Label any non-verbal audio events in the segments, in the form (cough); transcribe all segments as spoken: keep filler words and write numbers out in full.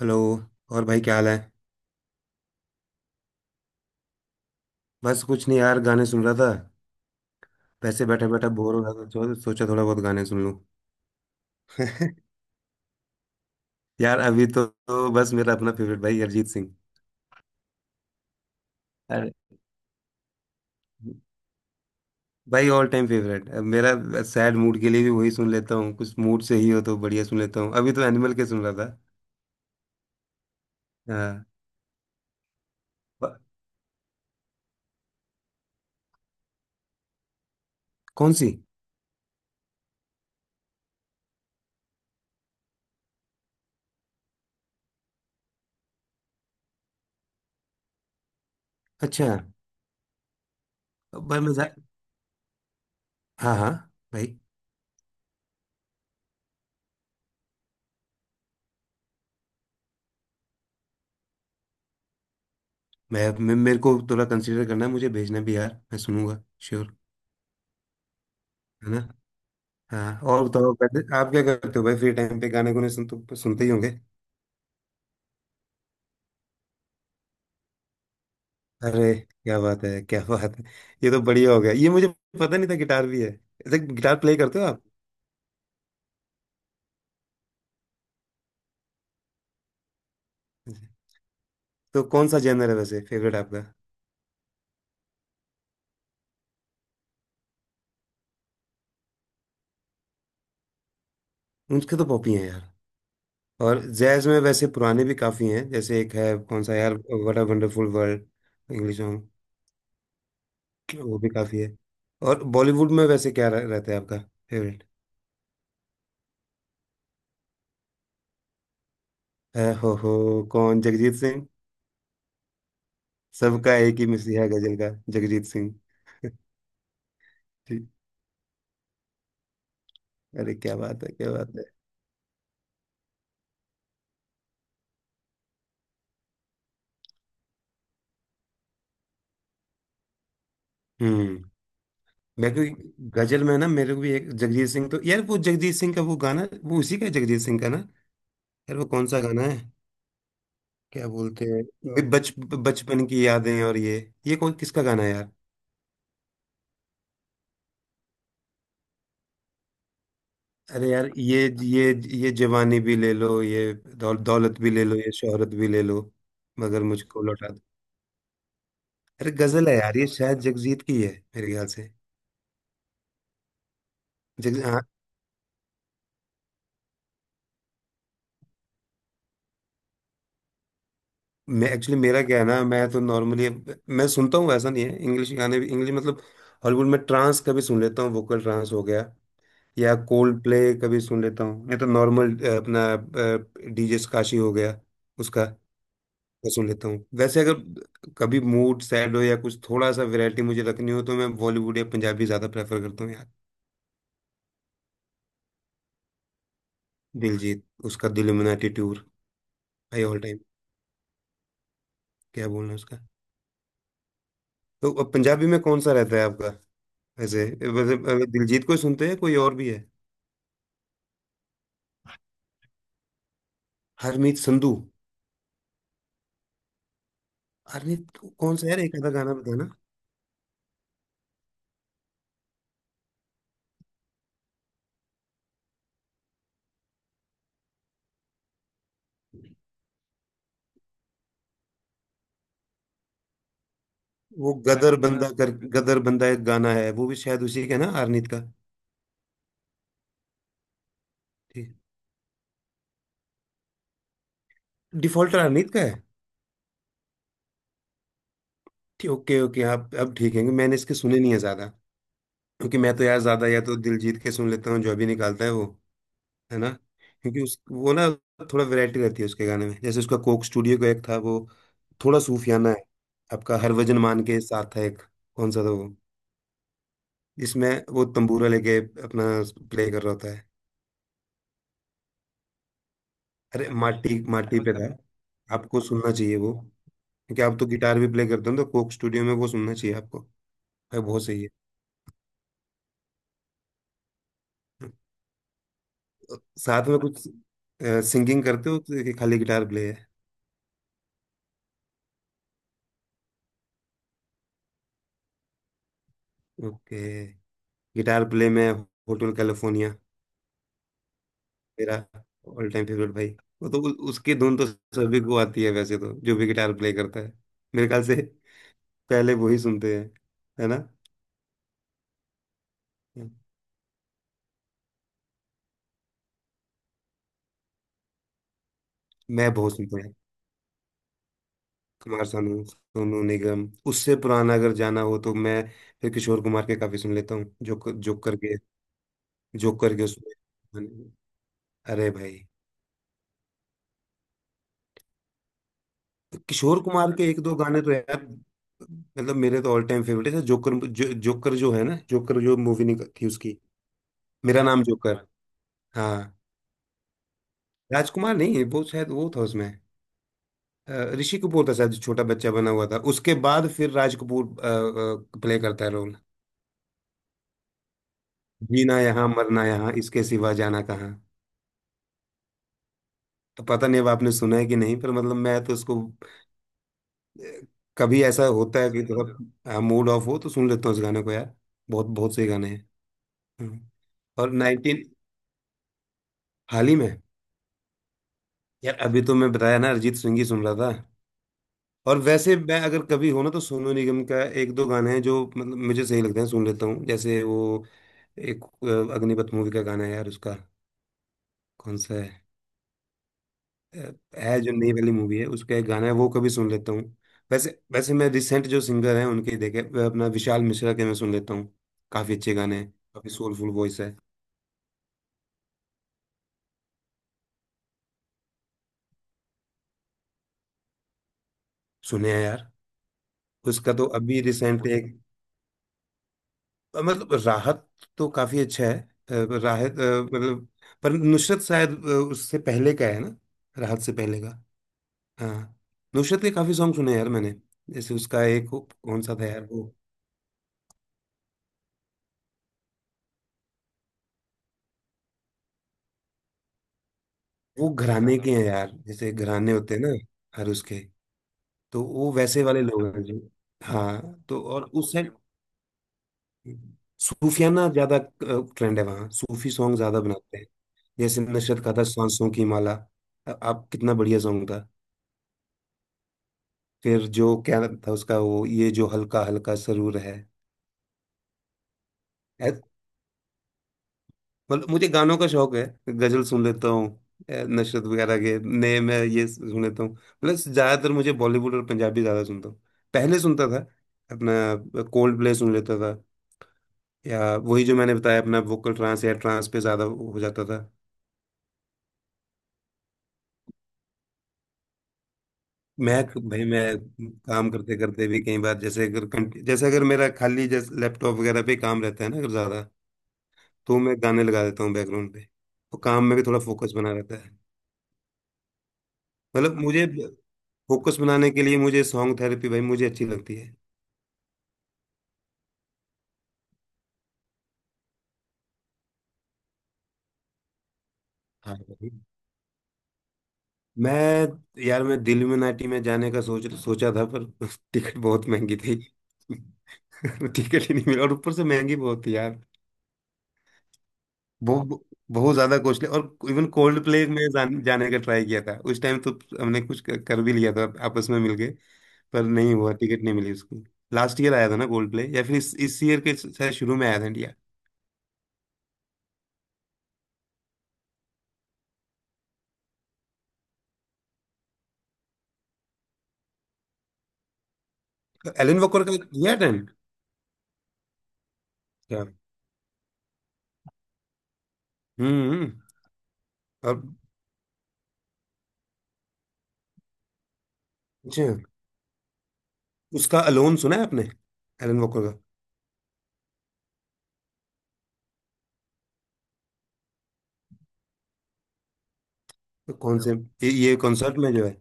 Hello. और भाई क्या हाल है? बस कुछ नहीं यार, गाने सुन रहा था। वैसे बैठा बैठा बोर हो रहा था तो सोचा थोड़ा बहुत गाने सुन लूं। (laughs) यार अभी तो, तो बस मेरा अपना फेवरेट भाई अरिजीत सिंह। अरे, भाई ऑल टाइम फेवरेट अब मेरा। सैड मूड के लिए भी वही सुन लेता हूँ, कुछ मूड से ही हो तो बढ़िया सुन लेता हूँ। अभी तो एनिमल के सुन रहा था। हाँ। ब- कौन सी? अच्छा। भाई मैं जा... हाँ हाँ। भाई, मैं, मैं मेरे को थोड़ा कंसिडर करना है, मुझे भेजना भी यार, मैं सुनूंगा। श्योर। है ना। हाँ, और बताओ पहले आप क्या करते हो भाई? फ्री टाइम पे गाने गुने सुन तो सुनते ही होंगे। अरे क्या बात है, क्या बात है। ये तो बढ़िया हो गया, ये मुझे पता नहीं था गिटार भी है। ऐसे गिटार प्ले करते हो आप? तो कौन सा जेनर है वैसे फेवरेट आपका? उनके तो पॉप ही हैं यार। और जैज में वैसे पुराने भी काफी हैं, जैसे एक है, कौन सा यार, what a wonderful world, English song. वो भी काफी है। और बॉलीवुड में वैसे क्या रह, रहता है आपका फेवरेट? हो हो कौन, जगजीत सिंह? सबका एक ही मिसिया गजल का, जगजीत सिंह। ठीक। अरे क्या बात है, क्या बात है। हम्म। मैं कोई गजल में ना, मेरे को भी एक जगजीत सिंह, तो यार वो जगजीत सिंह का वो गाना, वो उसी का है, जगजीत सिंह का ना? यार वो कौन सा गाना है, क्या बोलते हैं? बि- बच बचपन की यादें, और ये ये कौन किसका गाना है यार? अरे यार ये ये ये जवानी भी ले लो, ये दौल, दौलत भी ले लो, ये शोहरत भी ले लो, मगर मुझको लौटा दो। अरे गजल है यार, ये शायद जगजीत की है मेरे ख्याल से। जग मैं एक्चुअली, मेरा क्या है ना, मैं तो नॉर्मली मैं सुनता हूँ। ऐसा नहीं है, इंग्लिश गाने भी, इंग्लिश मतलब हॉलीवुड में ट्रांस कभी सुन लेता हूँ, वोकल ट्रांस हो गया, या कोल्ड प्ले कभी सुन लेता हूँ, या तो नॉर्मल अपना डीजे काशी हो गया उसका। मैं सुन लेता हूँ वैसे, अगर कभी मूड सैड हो या कुछ थोड़ा सा वैरायटी मुझे रखनी हो तो मैं बॉलीवुड या पंजाबी ज़्यादा प्रेफर करता हूँ यार। दिलजीत, उसका दिल में टूर, भाई ऑल टाइम। क्या बोलना है उसका। तो अब पंजाबी में कौन सा रहता है आपका वैसे? वैसे वैसे दिलजीत को ही सुनते हैं, कोई और भी है? हरमीत संधू? हरमीत कौन सा यार, एक आधा गाना बताना। वो गदर हरमीत बंदा कर, गदर बंदा एक गाना है, वो भी शायद उसी का है ना, हरमीत का? ठीक। डिफॉल्टर हरमीत का है? ठीक, ओके ओके, आप अब ठीक है, क्योंकि मैंने इसके सुने नहीं है ज्यादा। क्योंकि मैं तो यार ज्यादा या तो दिलजीत के सुन लेता हूँ जो अभी निकालता है वो, है ना। क्योंकि उस वो ना, थोड़ा वैरायटी रहती है उसके गाने में। जैसे उसका कोक स्टूडियो का एक था वो, थोड़ा सूफियाना है। आपका, हर वजन मान के साथ है एक, कौन सा था वो जिसमें वो तंबूरा लेके अपना प्ले कर रहा होता है? अरे माटी माटी पे था, मतलब आपको सुनना चाहिए वो, क्योंकि आप तो गिटार भी प्ले करते हो ना, तो कोक स्टूडियो में वो सुनना चाहिए आपको। भाई बहुत सही है। साथ में कुछ सिंगिंग करते हो, तो कि खाली गिटार प्ले है? ओके। गिटार प्ले में होटल कैलिफोर्निया मेरा ऑल टाइम फेवरेट भाई। वो तो उ, उसकी धुन तो सभी को आती है, वैसे तो जो भी गिटार प्ले करता है मेरे ख्याल से, पहले वही सुनते हैं, है ना। मैं बहुत सुनता हूँ। कुमार सानू, सोनू निगम, उससे पुराना अगर जाना हो तो मैं फिर किशोर कुमार के काफी सुन लेता हूँ, जो जो करके जो करके उसमें। अरे भाई, किशोर कुमार के एक दो गाने तो यार, मतलब मेरे तो ऑल टाइम फेवरेट है। जोकर, जो, जोकर जो है ना, जोकर जो मूवी निकली थी उसकी, मेरा नाम जोकर। हाँ। राजकुमार नहीं, वो शायद वो था उसमें, अ, ऋषि कपूर था शायद जो छोटा बच्चा बना हुआ था, उसके बाद फिर राज कपूर प्ले करता है रोल। जीना यहाँ मरना यहाँ, इसके सिवा जाना कहाँ। तो पता नहीं अब आपने सुना है कि नहीं, पर मतलब मैं तो इसको, अ, कभी ऐसा होता है कि सुन लेते हो, थोड़ा मूड ऑफ हो तो सुन लेता हूँ इस गाने को यार। बहुत बहुत सही गाने हैं। हम्म। और नाइनटीन। हाल ही में, यार अभी तो मैं बताया ना, अरिजीत सिंह ही सुन रहा था। और वैसे मैं अगर कभी हो ना तो सोनू निगम का एक दो गाने हैं जो मतलब मुझे सही लगते हैं, सुन लेता हूँ। जैसे वो एक अ, अग्निपथ मूवी का गाना है यार उसका। कौन सा है है जो नई वाली मूवी है, उसका एक गाना है वो कभी सुन लेता हूँ। वैसे वैसे मैं रिसेंट जो सिंगर हैं उनके ही देखे, वह अपना विशाल मिश्रा के मैं सुन लेता हूँ, काफी अच्छे गाने हैं, काफी सोलफुल वॉइस है। सुने हैं यार। उसका तो अभी रिसेंट एक, मतलब राहत, तो काफी अच्छा है। अ, राहत अ, मतलब, पर नुसरत शायद अ, उससे पहले का है ना, राहत से पहले का। हाँ। नुसरत के काफी सॉन्ग सुने हैं यार मैंने। जैसे उसका एक वो- कौन सा था यार वो? वो घराने के हैं यार, जैसे घराने होते हैं ना हर उसके, तो वो वैसे वाले लोग हैं जी। हाँ, तो और उस साइड सूफियाना ज्यादा ट्रेंड है, वहाँ सूफी सॉन्ग ज्यादा बनाते हैं। जैसे नशरत का था, सांसों की माला, अ- आप, कितना बढ़िया सॉन्ग था। फिर जो क्या था उसका वो, ये जो हल्का हल्का सरूर है। ऐ- मतलब मुझे गानों का शौक है। गजल सुन लेता हूँ। अ, नशरत वगैरह के, नए मैं ये सुन लेता हूँ। प्लस ज्यादातर मुझे बॉलीवुड और पंजाबी, ज्यादा सुनता हूँ। पहले सुनता था अपना कोल्ड प्ले सुन लेता था, या वही जो मैंने बताया अपना वोकल ट्रांस, या ट्रांस पे ज्यादा हो जाता था। मैं, भाई मैं काम करते करते भी कई बार, जैसे अगर कंट- जैसे अगर मेरा खाली जैसे लैपटॉप वगैरह पे काम रहता है ना अगर ज्यादा, तो मैं गाने लगा देता हूँ बैकग्राउंड पे, तो काम में भी थोड़ा फोकस बना रहता है। मतलब मुझे, फोकस बनाने के लिए मुझे सॉन्ग थेरेपी भाई मुझे अच्छी लगती है। हाँ भाई। मैं, यार मैं दिल्यूमिनाटी में जाने का सोच सोचा था पर (laughs) टिकट बहुत महंगी थी। (laughs) टिकट ही नहीं मिला और ऊपर से महंगी बहुत थी यार। बहुत, बहुत ज्यादा कॉस्टली। और इवन कोल्ड प्ले में जान, जाने का ट्राई किया था उस टाइम तो, हमने कुछ कर कर भी लिया था आपस में मिलके, पर नहीं हुआ, टिकट नहीं मिली उसकी। लास्ट ईयर आया था ना कोल्ड प्ले, या फिर इस इस ईयर के शायद शुरू में आया था इंडिया। एलन वॉकर का दिया अटेंड? क्या? हम्म हम्म। और, अच्छा उसका अलोन सुना है आपने, एलन वॉकर का? तो कौन से, ये, ये कॉन्सर्ट में जो है।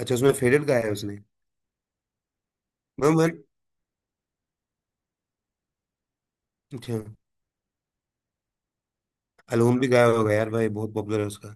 अच्छा उसमें फेडेड गाया है उसने। मैं मैं- अच्छा। अलोन भी गाया होगा यार, भाई बहुत पॉपुलर है।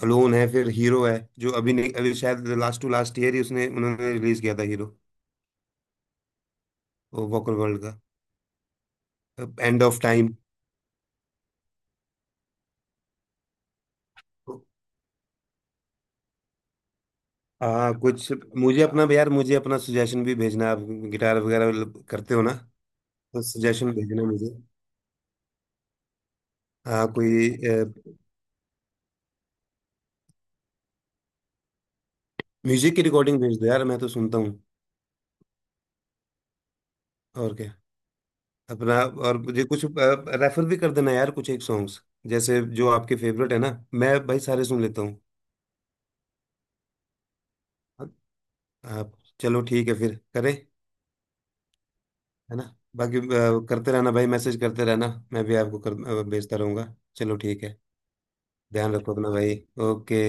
क्लोन है, फिर हीरो है जो अभी नहीं, अभी शायद लास्ट टू लास्ट ईयर ही उसने, उन्होंने रिलीज किया था हीरो, वो वॉकर वर्ल्ड का, एंड ऑफ टाइम। हाँ कुछ, मुझे अपना यार, मुझे अपना सुजेशन भी भेजना आप। गिटार वगैरह ल- करते हो ना, तो सजेशन भेजना मुझे। हाँ कोई म्यूजिक की रिकॉर्डिंग भेज दो यार, मैं तो सुनता हूँ। और क्या अपना, और मुझे कुछ रेफर भी कर देना यार कुछ एक सॉन्ग्स, जैसे जो आपके फेवरेट है ना, मैं भाई सारे सुन लेता हूँ। आप चलो ठीक है फिर करें, है ना। बाकी अ, करते रहना भाई, मैसेज करते रहना, मैं भी आपको कर, अ, भेजता रहूंगा। चलो ठीक है, ध्यान रखो अपना भाई। ओके।